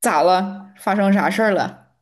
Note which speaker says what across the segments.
Speaker 1: 咋了？发生啥事儿了？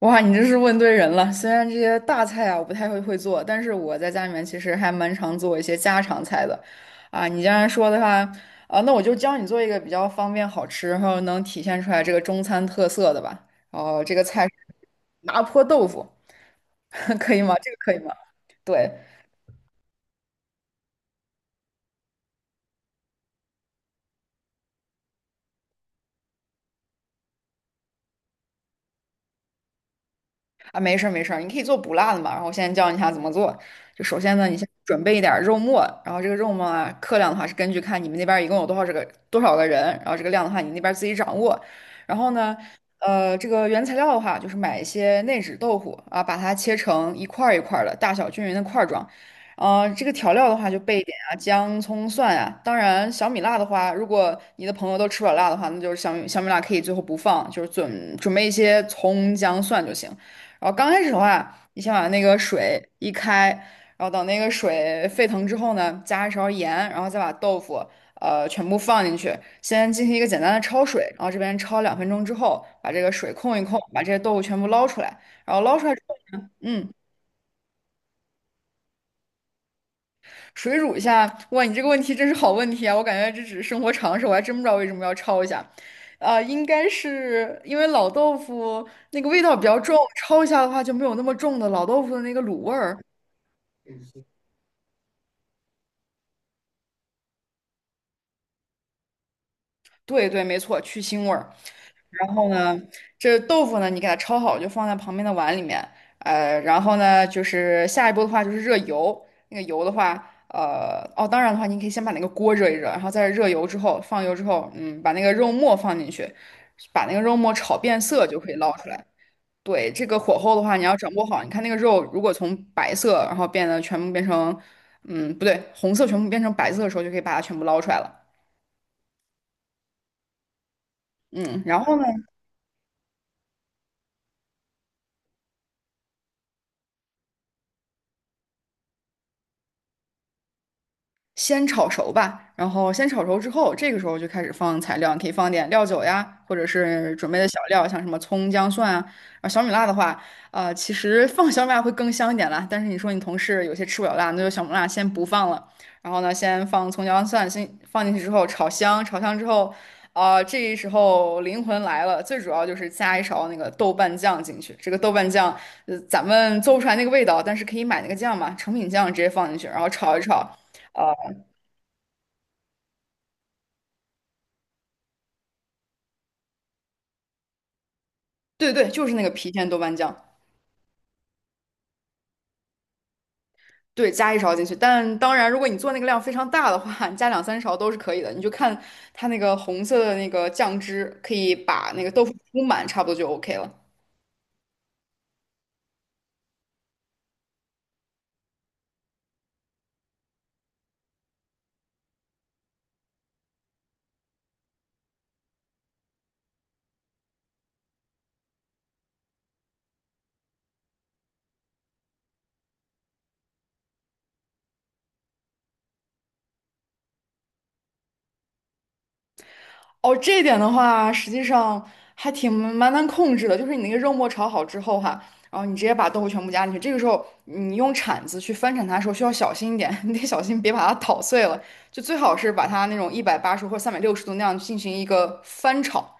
Speaker 1: 哇，你这是问对人了。虽然这些大菜啊，我不太会做，但是我在家里面其实还蛮常做一些家常菜的。啊，你既然说的话，啊，那我就教你做一个比较方便好吃，然后能体现出来这个中餐特色的吧。哦，这个菜是麻婆豆腐，可以吗？这个可以吗？对，啊，没事儿没事儿，你可以做不辣的嘛。然后我现在教你一下怎么做。就首先呢，你先准备一点儿肉末，然后这个肉末啊，克量的话是根据看你们那边儿一共有多少这个多少个人，然后这个量的话你那边儿自己掌握。然后呢，这个原材料的话就是买一些内酯豆腐啊，把它切成一块儿一块儿的，大小均匀的块儿状。这个调料的话就备一点啊，姜、葱、蒜啊。当然，小米辣的话，如果你的朋友都吃不了辣的话，那就是小米辣可以最后不放，就是准备一些葱、姜、蒜就行。然后刚开始的话，你先把那个水一开，然后等那个水沸腾之后呢，加一勺盐，然后再把豆腐全部放进去，先进行一个简单的焯水，然后这边焯2分钟之后，把这个水控一控，把这些豆腐全部捞出来，然后捞出来之后呢，嗯，水煮一下。哇，你这个问题真是好问题啊！我感觉这只是生活常识，我还真不知道为什么要焯一下。应该是因为老豆腐那个味道比较重，焯一下的话就没有那么重的老豆腐的那个卤味儿。对对，没错，去腥味儿。然后呢，这豆腐呢，你给它焯好，就放在旁边的碗里面。然后呢，就是下一步的话就是热油。那个油的话，当然的话，你可以先把那个锅热一热，然后再热油之后，放油之后，把那个肉末放进去，把那个肉末炒变色就可以捞出来。对，这个火候的话，你要掌握好。你看那个肉，如果从白色，然后变得全部变成，嗯，不对，红色全部变成白色的时候，就可以把它全部捞出来了。嗯，然后呢？先炒熟吧，然后先炒熟之后，这个时候就开始放材料，你可以放点料酒呀，或者是准备的小料，像什么葱、姜、蒜啊。啊，小米辣的话，其实放小米辣会更香一点啦。但是你说你同事有些吃不了辣，那就小米辣先不放了。然后呢，先放葱、姜、蒜，先放进去之后炒香，炒香之后，啊、这时候灵魂来了，最主要就是加一勺那个豆瓣酱进去。这个豆瓣酱，咱们做不出来那个味道，但是可以买那个酱嘛，成品酱直接放进去，然后炒一炒。呃对对，就是那个郫县豆瓣酱，对，加一勺进去。但当然，如果你做那个量非常大的话，你加两三勺都是可以的。你就看它那个红色的那个酱汁，可以把那个豆腐铺满，差不多就 OK 了。哦，这一点的话，实际上还挺蛮难控制的。就是你那个肉末炒好之后哈，然后你直接把豆腐全部加进去。这个时候，你用铲子去翻铲它的时候，需要小心一点，你得小心别把它捣碎了。就最好是把它那种180或360度那样进行一个翻炒。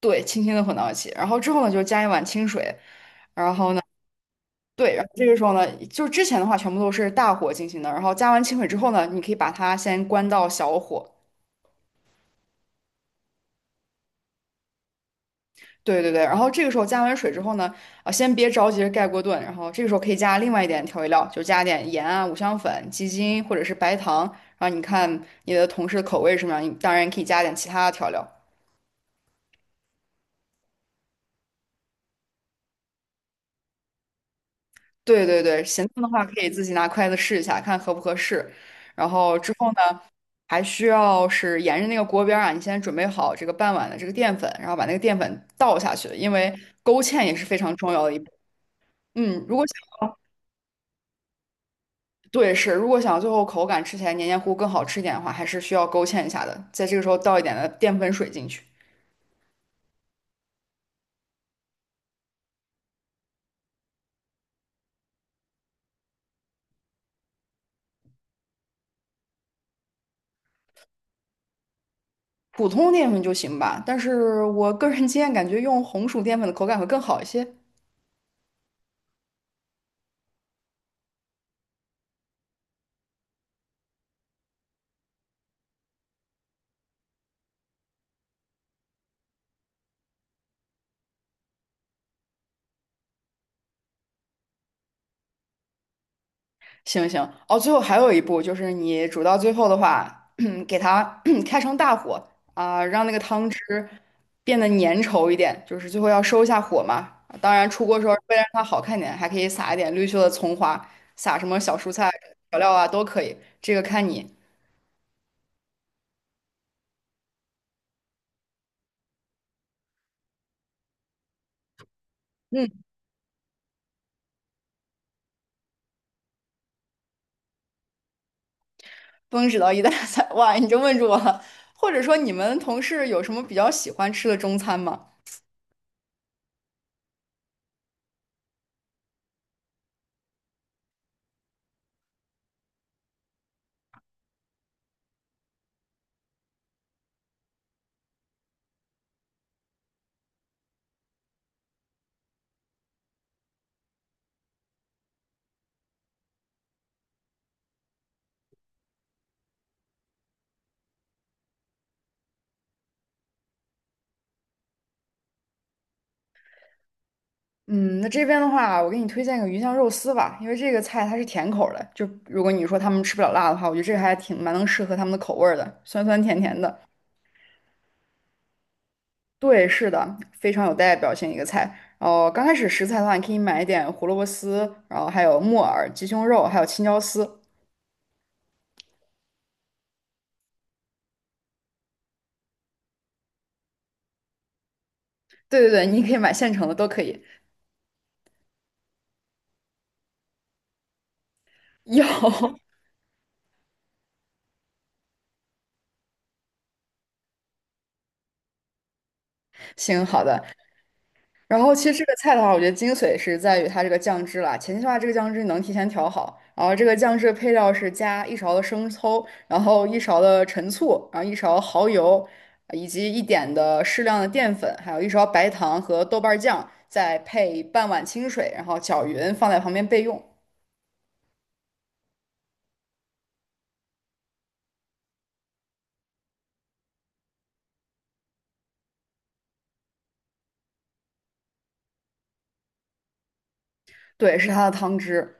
Speaker 1: 对，轻轻的混到一起，然后之后呢，就加一碗清水，然后呢，对，然后这个时候呢，就是之前的话全部都是大火进行的，然后加完清水之后呢，你可以把它先关到小火，对对对，然后这个时候加完水之后呢，啊，先别着急着盖锅炖，然后这个时候可以加另外一点调味料，就加点盐啊、五香粉、鸡精或者是白糖，然后你看你的同事的口味是什么样，你当然可以加点其他的调料，对对对，咸淡的话可以自己拿筷子试一下，看合不合适，然后之后呢。还需要是沿着那个锅边儿啊，你先准备好这个半碗的这个淀粉，然后把那个淀粉倒下去，因为勾芡也是非常重要的一步。嗯，如果想，对，是，如果想最后口感吃起来黏黏糊更好吃一点的话，还是需要勾芡一下的，在这个时候倒一点的淀粉水进去，普通淀粉就行吧。但是我个人经验感觉用红薯淀粉的口感会更好一些。行行哦，最后还有一步就是你煮到最后的话，给它 开成大火啊，让那个汤汁变得粘稠一点，就是最后要收一下火嘛。当然出锅时候为了让它好看点，还可以撒一点绿色的葱花，撒什么小蔬菜调料啊都可以，这个看你。嗯，不能只到一大菜，哇，你就问住我了。或者说你们同事有什么比较喜欢吃的中餐吗？嗯，那这边的话，我给你推荐个鱼香肉丝吧，因为这个菜它是甜口儿的，就如果你说他们吃不了辣的话，我觉得这个还挺蛮能适合他们的口味儿的，酸酸甜甜的。对，是的，非常有代表性一个菜。然后刚开始食材的话，你可以买一点胡萝卜丝，然后还有木耳、鸡胸肉，还有青椒丝。对对对，你可以买现成的都可以。有，行，好的。然后其实这个菜的话，我觉得精髓是在于它这个酱汁啦。前期的话，这个酱汁能提前调好，然后这个酱汁的配料是加一勺的生抽，然后一勺的陈醋，然后一勺蚝油，以及一点的适量的淀粉，还有一勺白糖和豆瓣儿酱，再配半碗清水，然后搅匀，放在旁边备用。对，是它的汤汁。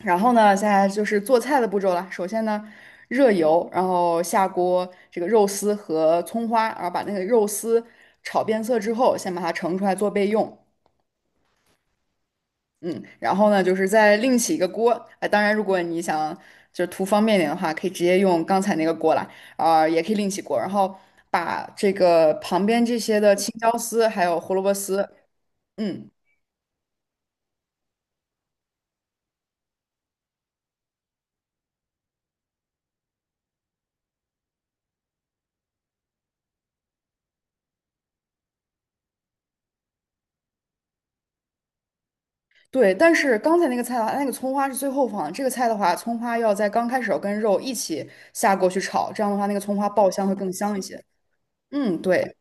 Speaker 1: 然后呢，现在就是做菜的步骤了。首先呢，热油，然后下锅这个肉丝和葱花，然后把那个肉丝炒变色之后，先把它盛出来做备用。嗯，然后呢，就是再另起一个锅。当然，如果你想就图方便点的话，可以直接用刚才那个锅啦，啊、也可以另起锅。然后把这个旁边这些的青椒丝还有胡萝卜丝，嗯。对，但是刚才那个菜的话，那个葱花是最后放的。这个菜的话，葱花要在刚开始要跟肉一起下锅去炒，这样的话那个葱花爆香会更香一些。嗯，对。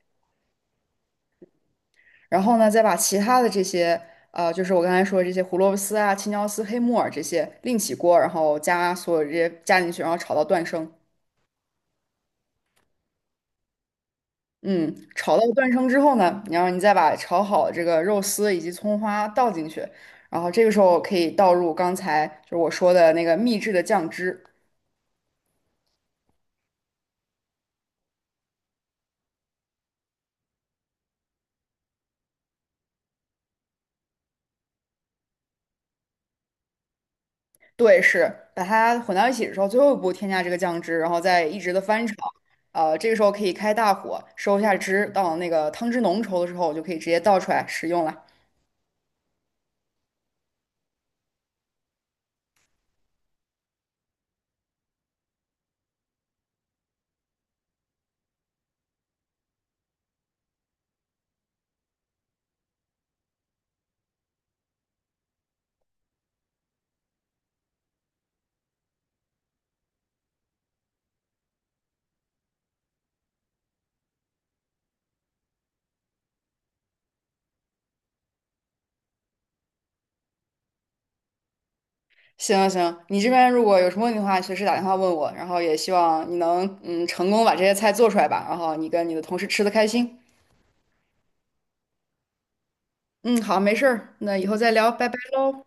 Speaker 1: 然后呢，再把其他的这些，就是我刚才说的这些胡萝卜丝啊、青椒丝、黑木耳这些另起锅，然后加所有这些加进去，然后炒到断生。嗯，炒到断生之后呢，然后你再把炒好的这个肉丝以及葱花倒进去，然后这个时候可以倒入刚才就是我说的那个秘制的酱汁。对，是把它混到一起的时候，最后一步添加这个酱汁，然后再一直的翻炒。这个时候可以开大火收一下汁，到那个汤汁浓稠的时候，我就可以直接倒出来食用了。行行，你这边如果有什么问题的话，随时打电话问我。然后也希望你能成功把这些菜做出来吧，然后你跟你的同事吃的开心。嗯，好，没事儿，那以后再聊，拜拜喽。